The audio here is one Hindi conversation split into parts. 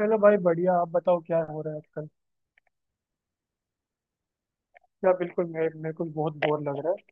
हेलो भाई बढ़िया। आप बताओ क्या हो रहा है आजकल। यार बिल्कुल। मैं मेरे को भी बहुत बोर लग रहा है।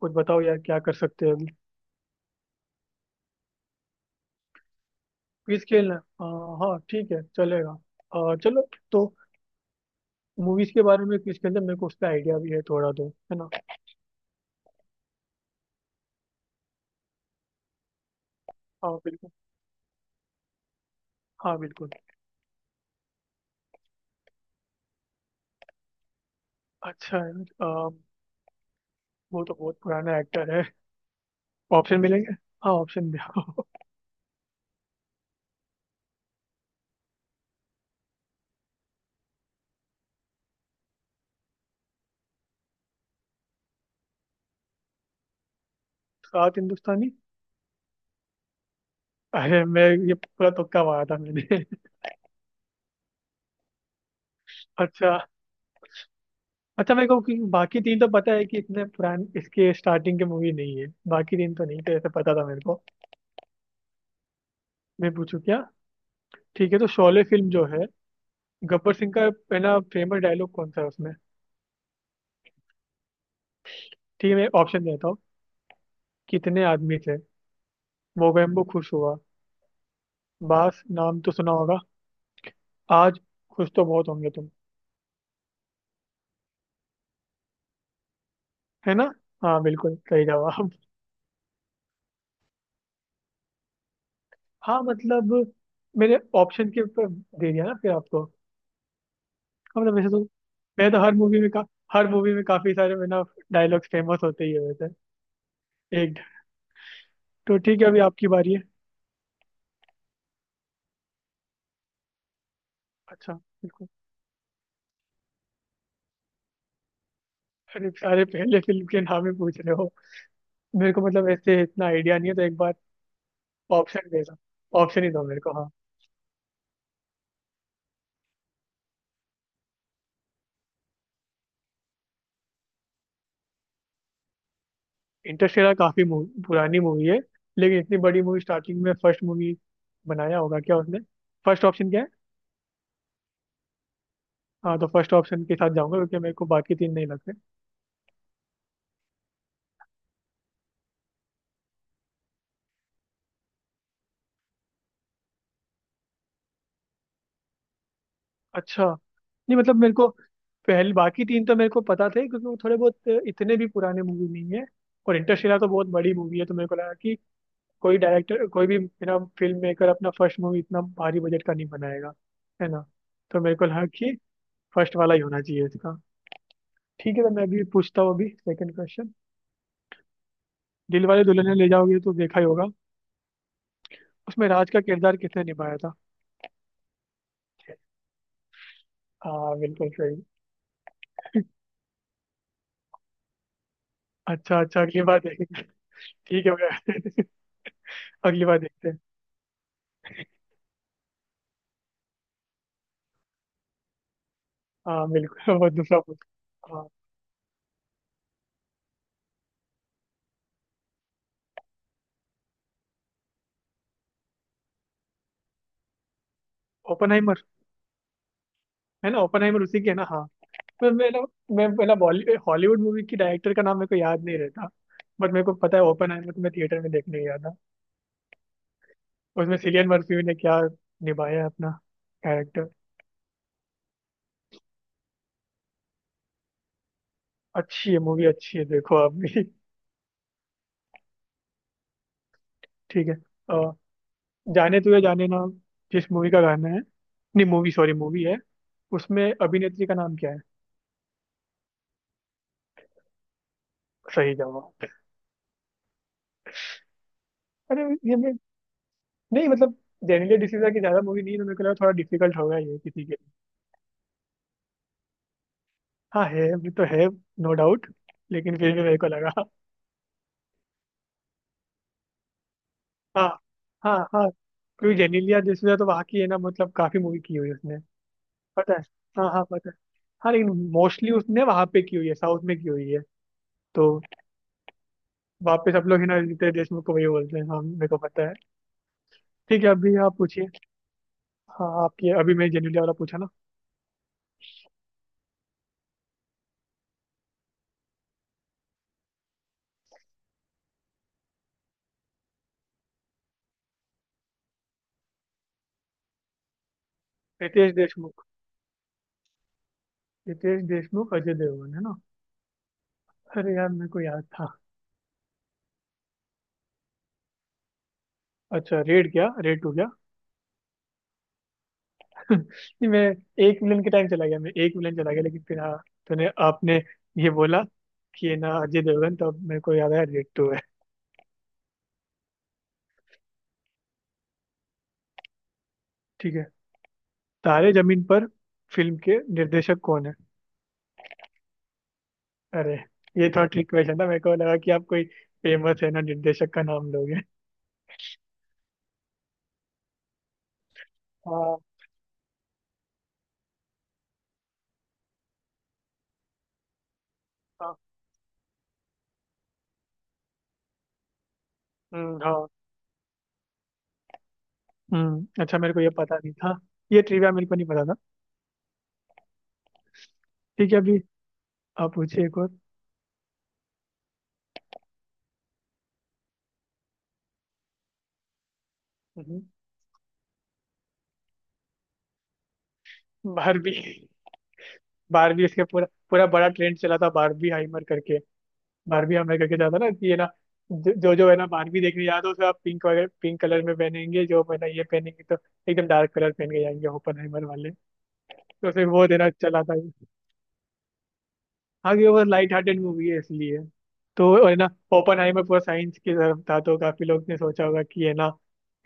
कुछ बताओ यार क्या कर सकते हैं अभी। क्विज खेलना है? हाँ हाँ ठीक है चलेगा। चलो तो मूवीज के बारे में क्विज खेलते हैं, मेरे को उसका आइडिया भी है थोड़ा, तो है ना। हाँ बिल्कुल। हाँ बिल्कुल। अच्छा है। आ, वो तो बहुत पुराना एक्टर है। ऑप्शन मिलेंगे। हाँ ऑप्शन दे। सात हिंदुस्तानी। अरे मैं ये पूरा तुक्का मारा था मैंने। अच्छा। अच्छा मेरे को कि बाकी तीन तो पता है कि इतने पुराने इसके स्टार्टिंग के मूवी नहीं है, बाकी तीन तो नहीं थे ऐसे, पता था मेरे को। मैं पूछूं क्या। ठीक है तो शोले फिल्म जो है, गब्बर सिंह का पहला फेमस डायलॉग कौन सा है उसमें। ठीक है मैं ऑप्शन देता हूँ। कितने आदमी थे। मोगेम्बो खुश हुआ। बास नाम तो सुना होगा। आज खुश तो बहुत होंगे तुम। है ना। हाँ बिल्कुल सही जवाब। हाँ मतलब मैंने ऑप्शन के ऊपर दे दिया ना फिर आपको। हाँ, मतलब वैसे तो मैं तो हर मूवी में का हर मूवी में काफी सारे मैं ना डायलॉग्स फेमस होते ही है वैसे। एक, तो ठीक है अभी आपकी बारी है। अच्छा बिल्कुल। अरे सारे पहले फिल्म के नाम ही पूछ रहे हो। मेरे को मतलब ऐसे इतना आइडिया नहीं है, तो एक बार ऑप्शन दे दो। ऑप्शन ही दो मेरे को हाँ। इंटरस्टेलर काफी मूव- पुरानी मूवी है, लेकिन इतनी बड़ी मूवी स्टार्टिंग में फर्स्ट मूवी बनाया होगा क्या उसने? फर्स्ट ऑप्शन क्या है? हाँ तो फर्स्ट ऑप्शन के साथ जाऊंगा क्योंकि मेरे को बाकी तीन नहीं लगते। अच्छा। नहीं मतलब मेरे को पहले बाकी तीन तो मेरे को पता थे, क्योंकि वो थोड़े बहुत इतने भी पुराने मूवी नहीं है। और इंटरस्टेलर तो बहुत बड़ी मूवी है, तो मेरे को लगा कि कोई डायरेक्टर, कोई भी मेरा फिल्म मेकर अपना फर्स्ट मूवी इतना भारी बजट का नहीं बनाएगा, है ना। तो मेरे को लगा कि फर्स्ट वाला ही होना चाहिए इसका। ठीक है तो मैं अभी पूछता हूँ, अभी सेकंड क्वेश्चन। दिल वाले दुल्हनिया ले जाओगे तो देखा ही होगा। उसमें राज का किरदार किसने निभाया था? हाँ बिल्कुल सही। अच्छा अच्छा अगली बार देखेंगे। ठीक है भैया। अगली बार देखते हैं। हाँ बिल्कुल। वो दूसरा पूछ। हाँ ओपनहाइमर, है ना, ओपनहाइमर उसी की है ना हाँ। तो मेरा, मैं पहला, बॉलीवुड हॉलीवुड मूवी की डायरेक्टर का नाम मेरे को याद नहीं रहता, बट मेरे को पता है ओपनहाइमर, तो मैं थिएटर में देखने गया था। उसमें सिलियन मर्फी ने क्या निभाया है अपना कैरेक्टर। अच्छी है मूवी, अच्छी है, देखो आप भी। ठीक है। अ, जाने तुझे जाने ना जिस मूवी का गाना है, नहीं मूवी, सॉरी मूवी है, उसमें अभिनेत्री का नाम क्या है? सही जवाब। अरे ये मैं, नहीं मतलब जेनेलिया डिसूजा की ज्यादा मूवी नहीं है तो मेरे को लगा थोड़ा डिफिकल्ट होगा ये किसी के लिए। हाँ है, वो तो है, नो डाउट, लेकिन फिर भी मेरे को लगा। हाँ हाँ हाँ। क्योंकि जेनेलिया डिसूजा तो वहाँ की है ना, मतलब काफी मूवी की हुई है उसने। पता है। हाँ हाँ पता है। हाँ लेकिन मोस्टली उसने वहाँ पे की हुई है, साउथ में की हुई है, तो वापस सब लोग है ना रितेश देशमुख को वही बोलते हैं, हाँ मेरे को पता है। ठीक है अभी आप पूछिए। हाँ आपकी, अभी मैं जेनेलिया वाला पूछा ना। रितेश देशमुख, रितेश देशमुख अजय देवगन है ना। अरे यार मेरे को याद था। अच्छा रेड, क्या रेड टू? नहीं, मैं एक विलन के टाइम चला गया, मैं एक विलन चला गया, लेकिन फिर हाँ तूने, आपने ये बोला कि ये ना अजय देवगन, तो अब मेरे को याद आया रेड टू है। ठीक है। तारे जमीन पर फिल्म के निर्देशक कौन है? अरे ये थोड़ा ट्रिक क्वेश्चन था, मेरे को लगा कि आप कोई फेमस है ना निर्देशक का नाम लोगे। हाँ। हाँ। हाँ। अच्छा मेरे को ये पता नहीं था। ये ट्रिविया मेरे को नहीं पता था। ठीक है अभी आप पूछिए एक और। हम्म, बारबी। बारबी, इसके पूरा पूरा बड़ा ट्रेंड चला था, बारबी हाइमर करके। बारबी हमें करके जाता ना कि ये ना जो जो जो है ना, बारबी देखने जाते हो तो आप पिंक वगैरह पिंक कलर में पहनेंगे जो है ना, ये पहनेंगे, तो एकदम डार्क कलर पहन के जाएंगे ओपनहाइमर वाले, तो फिर वो देना चला था। हाँ कि वो लाइट हार्टेड मूवी है इसलिए, तो है ना। ओपनहाइमर पूरा साइंस की तरफ था, तो काफी लोग ने सोचा होगा कि है ना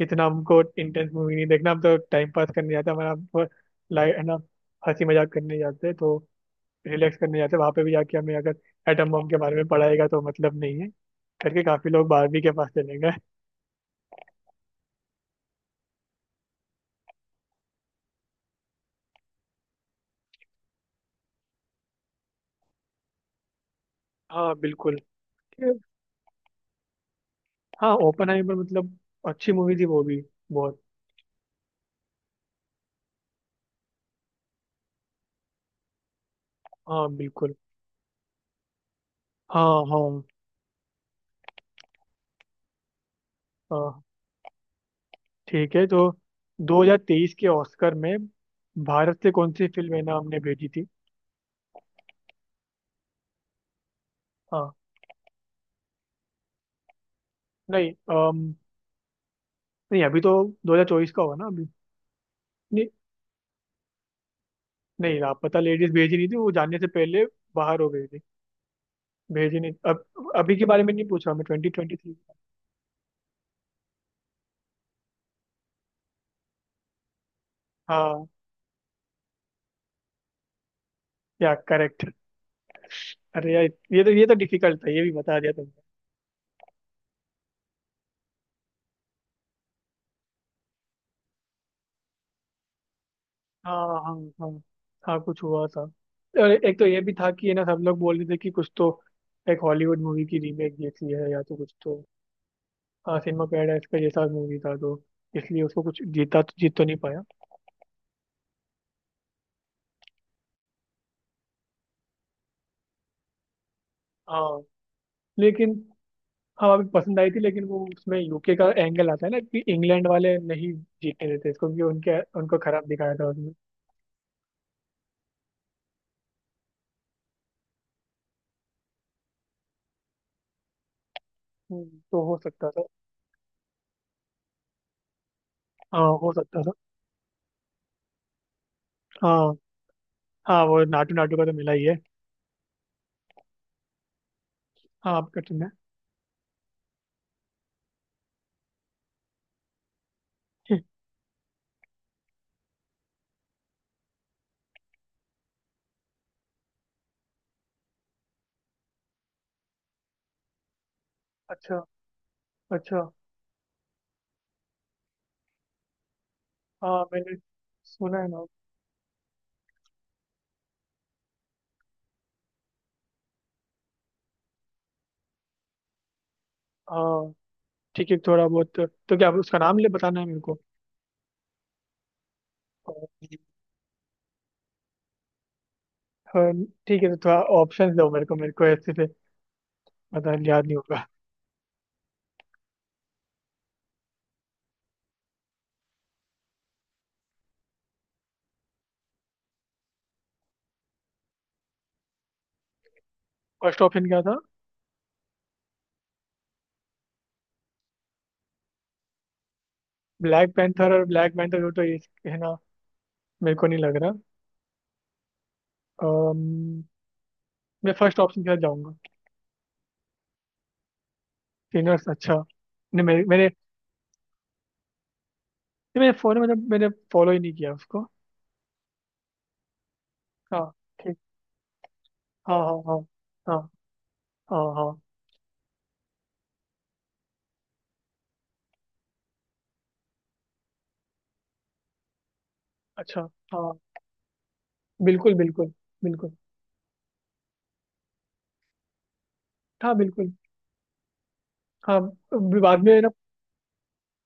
इतना हमको इंटेंस मूवी नहीं देखना, हम तो टाइम पास करने जाते हैं, हमारा लाइट है ना, हंसी मजाक करने जाते हैं, तो रिलैक्स करने जाते हैं, वहां पे भी जाके हमें अगर एटम बम के बारे में पढ़ाएगा तो मतलब नहीं है, करके काफी लोग बारहवीं के पास चले गए। हाँ बिल्कुल। हाँ ओपन पर मतलब अच्छी मूवी थी वो भी, बहुत। हाँ बिल्कुल। हाँ हाँ हाँ। ठीक है तो 2023 के ऑस्कर में भारत से कौन सी फिल्म है ना हमने भेजी थी? हाँ। नहीं। अम, नहीं अभी तो 2024 का होगा ना अभी। नहीं नहीं, लापता लेडीज भेजी नहीं थी, वो जाने से पहले बाहर हो गई थी, भेजी नहीं। अब अभी के बारे में नहीं पूछा मैं, ट्वेंटी ट्वेंटी थ्री। हाँ, या करेक्ट। अरे यार ये तो डिफिकल्ट था, ये भी बता दिया तुमने। हाँ हाँ। हाँ हाँ कुछ हुआ था। और एक तो ये भी था कि ये ना सब लोग बोल रहे थे कि कुछ तो एक हॉलीवुड मूवी की रीमेक जैसी है, या तो कुछ तो। हाँ सिनेमा पैराडाइस का जैसा मूवी था, तो इसलिए उसको कुछ जीता तो, जीत तो नहीं पाया। हाँ लेकिन, हाँ अभी पसंद आई थी, लेकिन वो उसमें यूके का एंगल आता है ना कि इंग्लैंड वाले नहीं जीतने देते इसको, क्योंकि उनके उनको खराब दिखाया था उसमें। तो हो सकता था। हाँ हो सकता था। हाँ। हाँ वो नाटू नाटू का तो मिला ही है। हाँ आपका, तुमने। अच्छा अच्छा। हाँ मैंने सुना है ना। हाँ ठीक है, थोड़ा बहुत। तो क्या उसका नाम ले बताना है मेरे को? हाँ, ठीक है तो थोड़ा ऑप्शन दो मेरे को, मेरे को ऐसे से पता याद नहीं होगा। फर्स्ट ऑप्शन क्या था? ब्लैक पैंथर और ब्लैक पैंथर तो ये, है ना, मेरे को नहीं लग रहा। अम्म, मैं फर्स्ट ऑप्शन के साथ जाऊंगा। सिनियर्स, अच्छा। नहीं मेरे मैंने नहीं, मेरे फोन में मतलब मैंने फॉलो ही नहीं किया उसको। हाँ। ठीक। हाँ हाँ हाँ। हाँ हाँ हाँ। अच्छा। हाँ बिल्कुल बिल्कुल बिल्कुल। हाँ बिल्कुल। हाँ, बाद में ना।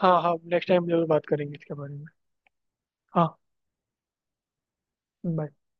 हाँ हाँ नेक्स्ट टाइम जरूर बात करेंगे इसके बारे में। हाँ bye.